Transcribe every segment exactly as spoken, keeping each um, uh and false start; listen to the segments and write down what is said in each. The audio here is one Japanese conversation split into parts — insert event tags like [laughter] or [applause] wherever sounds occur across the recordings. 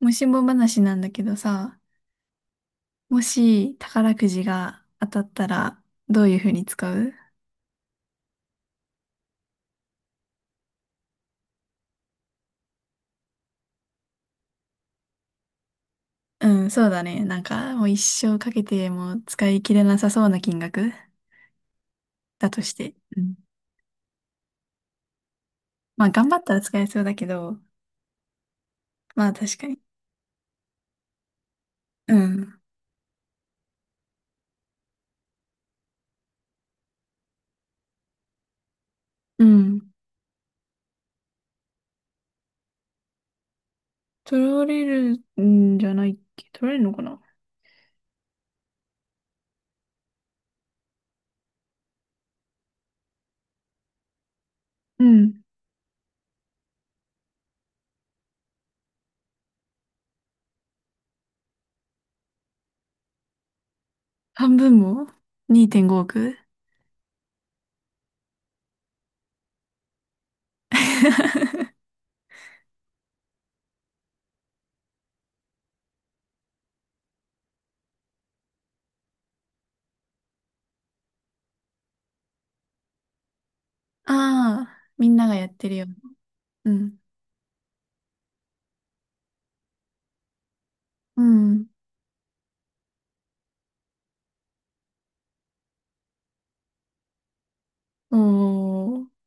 もしも話なんだけどさ、もし宝くじが当たったらどういう風に使う？うん、そうだね。なんかもう一生かけても使い切れなさそうな金額だとして。うん。まあ頑張ったら使えそうだけど、まあ確かに。うん。うん。取られるんじゃないっけ？取られるのかな。うん。半分も？ にてんご 億？ [laughs] ああ、みんながやってるような。うん。うん。おー。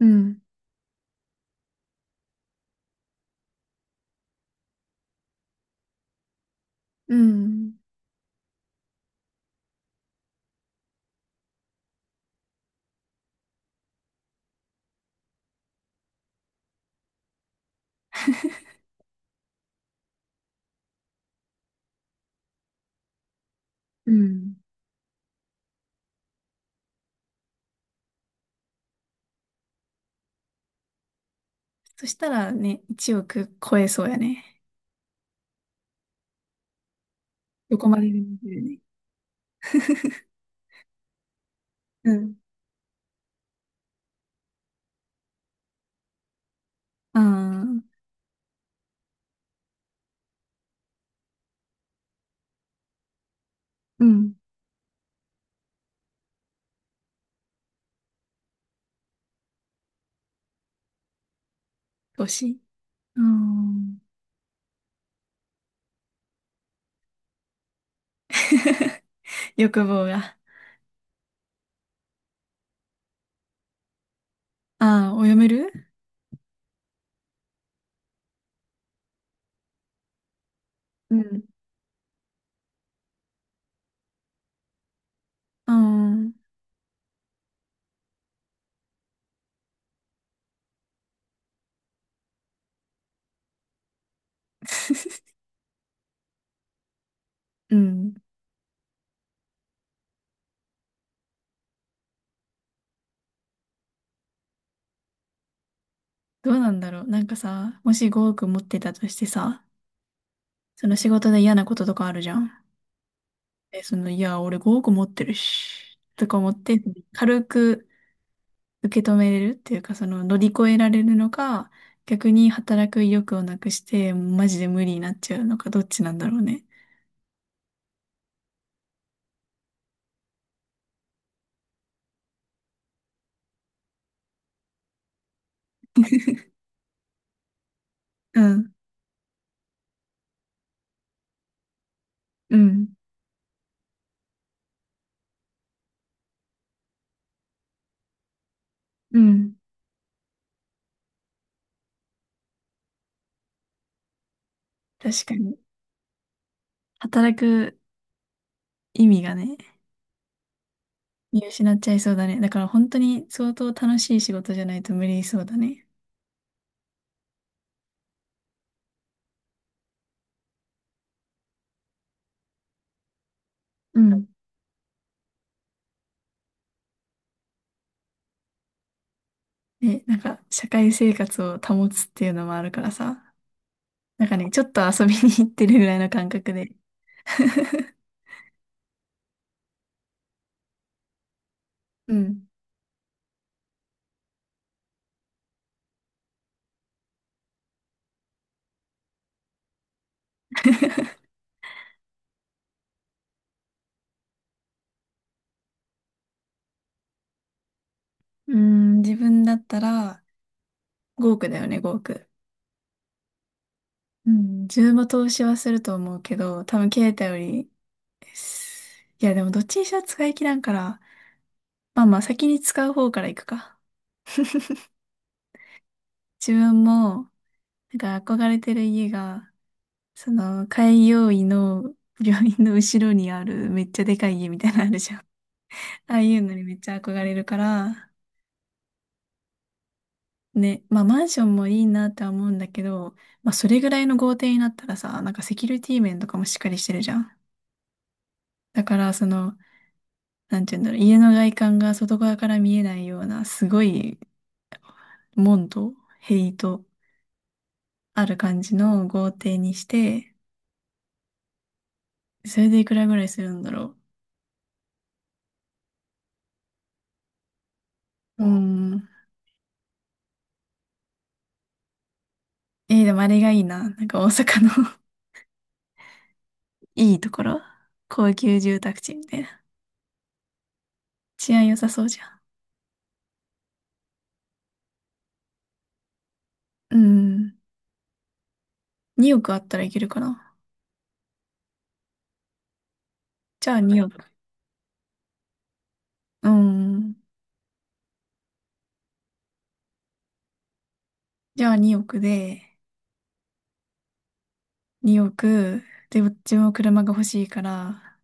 うん。うん。うん。そしたらね、いちおく超えそうやね。どこまででもいけるね。[laughs] うん。ああ、うん。欲しい。うん。[laughs] 欲望が。ああ、お読める。うん。うん。[laughs] うん。どうなんだろう。なんかさ、もしごおく持ってたとしてさ、その仕事で嫌なこととかあるじゃん。え、その、いや、俺ごおく持ってるし、とか思って、軽く受け止めれるっていうか、その乗り越えられるのか、逆に働く意欲をなくして、マジで無理になっちゃうのか、どっちなんだろうね。うん、うん、うん。確かに。働く意味がね、見失っちゃいそうだね。だから本当に相当楽しい仕事じゃないと無理そうだね。うん。で、なんか、社会生活を保つっていうのもあるからさ、なんかね、ちょっと遊びに行ってるぐらいの感覚で。[laughs] うん。[laughs] うーん、自分だったら、ごおくだよね、ごおく。うん、自分も投資はすると思うけど、多分携帯より、いやでもどっちにしろ使い切らんから、まあまあ先に使う方から行くか。自分も、なんか憧れてる家が、その、開業医の病院の後ろにあるめっちゃでかい家みたいなのあるじゃん。[laughs] ああいうのにめっちゃ憧れるから、ね、まあマンションもいいなっては思うんだけど、まあそれぐらいの豪邸になったらさ、なんかセキュリティ面とかもしっかりしてるじゃん。だからその、なんて言うんだろう、家の外観が外側から見えないような、すごい、門と塀とある感じの豪邸にして、それでいくらぐらいするんだろう。うーん。えー、でもあれがいいな。なんか大阪の [laughs] いいところ。高級住宅地みたいな。治安良さそうじゃん。うん。におくあったらいけるかな。じゃあにおく。うん。じゃあにおくで、におく。で、うちも車が欲しいから、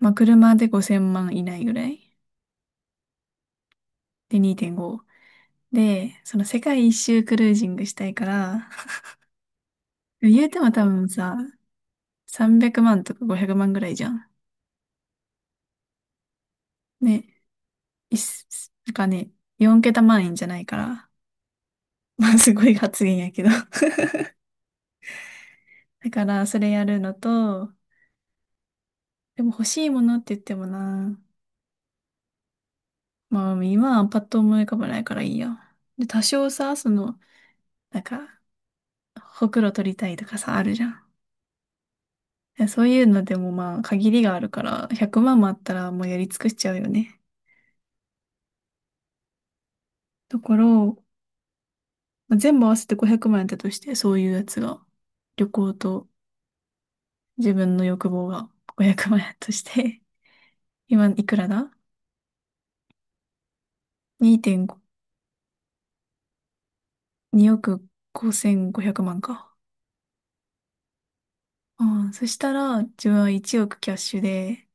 まあ、車でごせんまん以内ぐらい。で、にてんご。で、その世界一周クルージングしたいから、でも言うても多分さ、さんびゃくまんとかごひゃくまんぐらいじゃん。ね、いっす、なんかね、よん桁万円じゃないから、[laughs] まあすごい発言やけど。[laughs] だからそれやるのと、でも欲しいものって言ってもな、まあ今はパッと思い浮かばないからいいや。で、多少さ、その、なんか、ほくろ取りたいとかさ、あるじゃん。でそういうのでもまあ限りがあるから、ひゃくまんもあったらもうやり尽くしちゃうよね。ところまあ全部合わせてごひゃくまん円っとして、そういうやつが、旅行と自分の欲望がごひゃくまん円だとして、[laughs] 今いくらだ？ にてんご、におくごせんごひゃくまんか。うん、そしたら、自分はいちおくキャッシュで、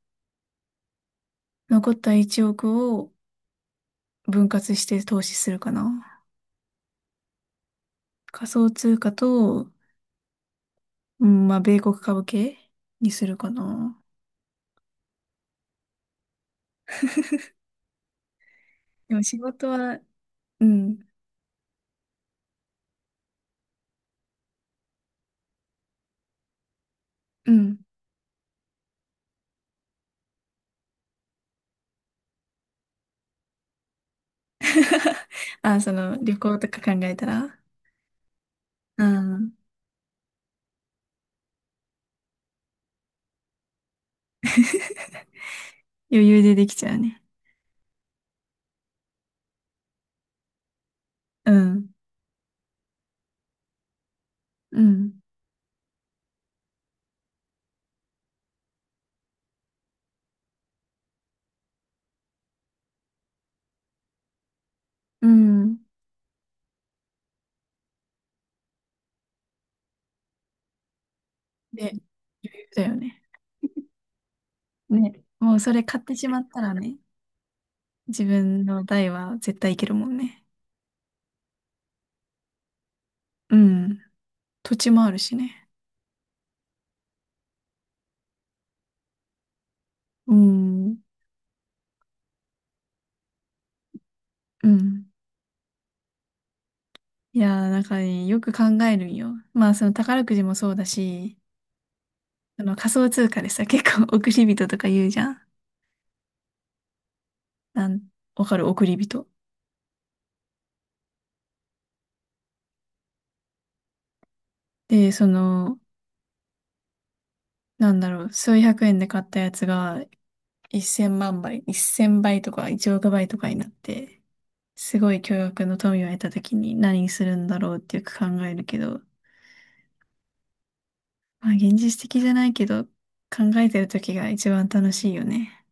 残ったいちおくを分割して投資するかな。仮想通貨と、うん、まあ、米国株系にするかな。でも仕事は、うん、うん。[laughs] あ、その、旅行とか考えたら、うん [laughs] 余裕でできちゃうね。うん。うん。うん。で、だよね。ね。もうそれ買ってしまったらね、自分の代は絶対いけるもんね。うん。土地もあるしね。うん。うん。いやー、なんかね、よく考えるんよ。まあ、その宝くじもそうだし、あの仮想通貨でさ、結構 [laughs] 送り人とか言うじゃん。なん、わかる、送り人。で、その、なんだろう、数百円で買ったやつがせんまん倍、せんばいとかいちおく倍とかになって、すごい巨額の富を得た時に何するんだろうってよく考えるけど、まあ現実的じゃないけど、考えてる時が一番楽しいよね。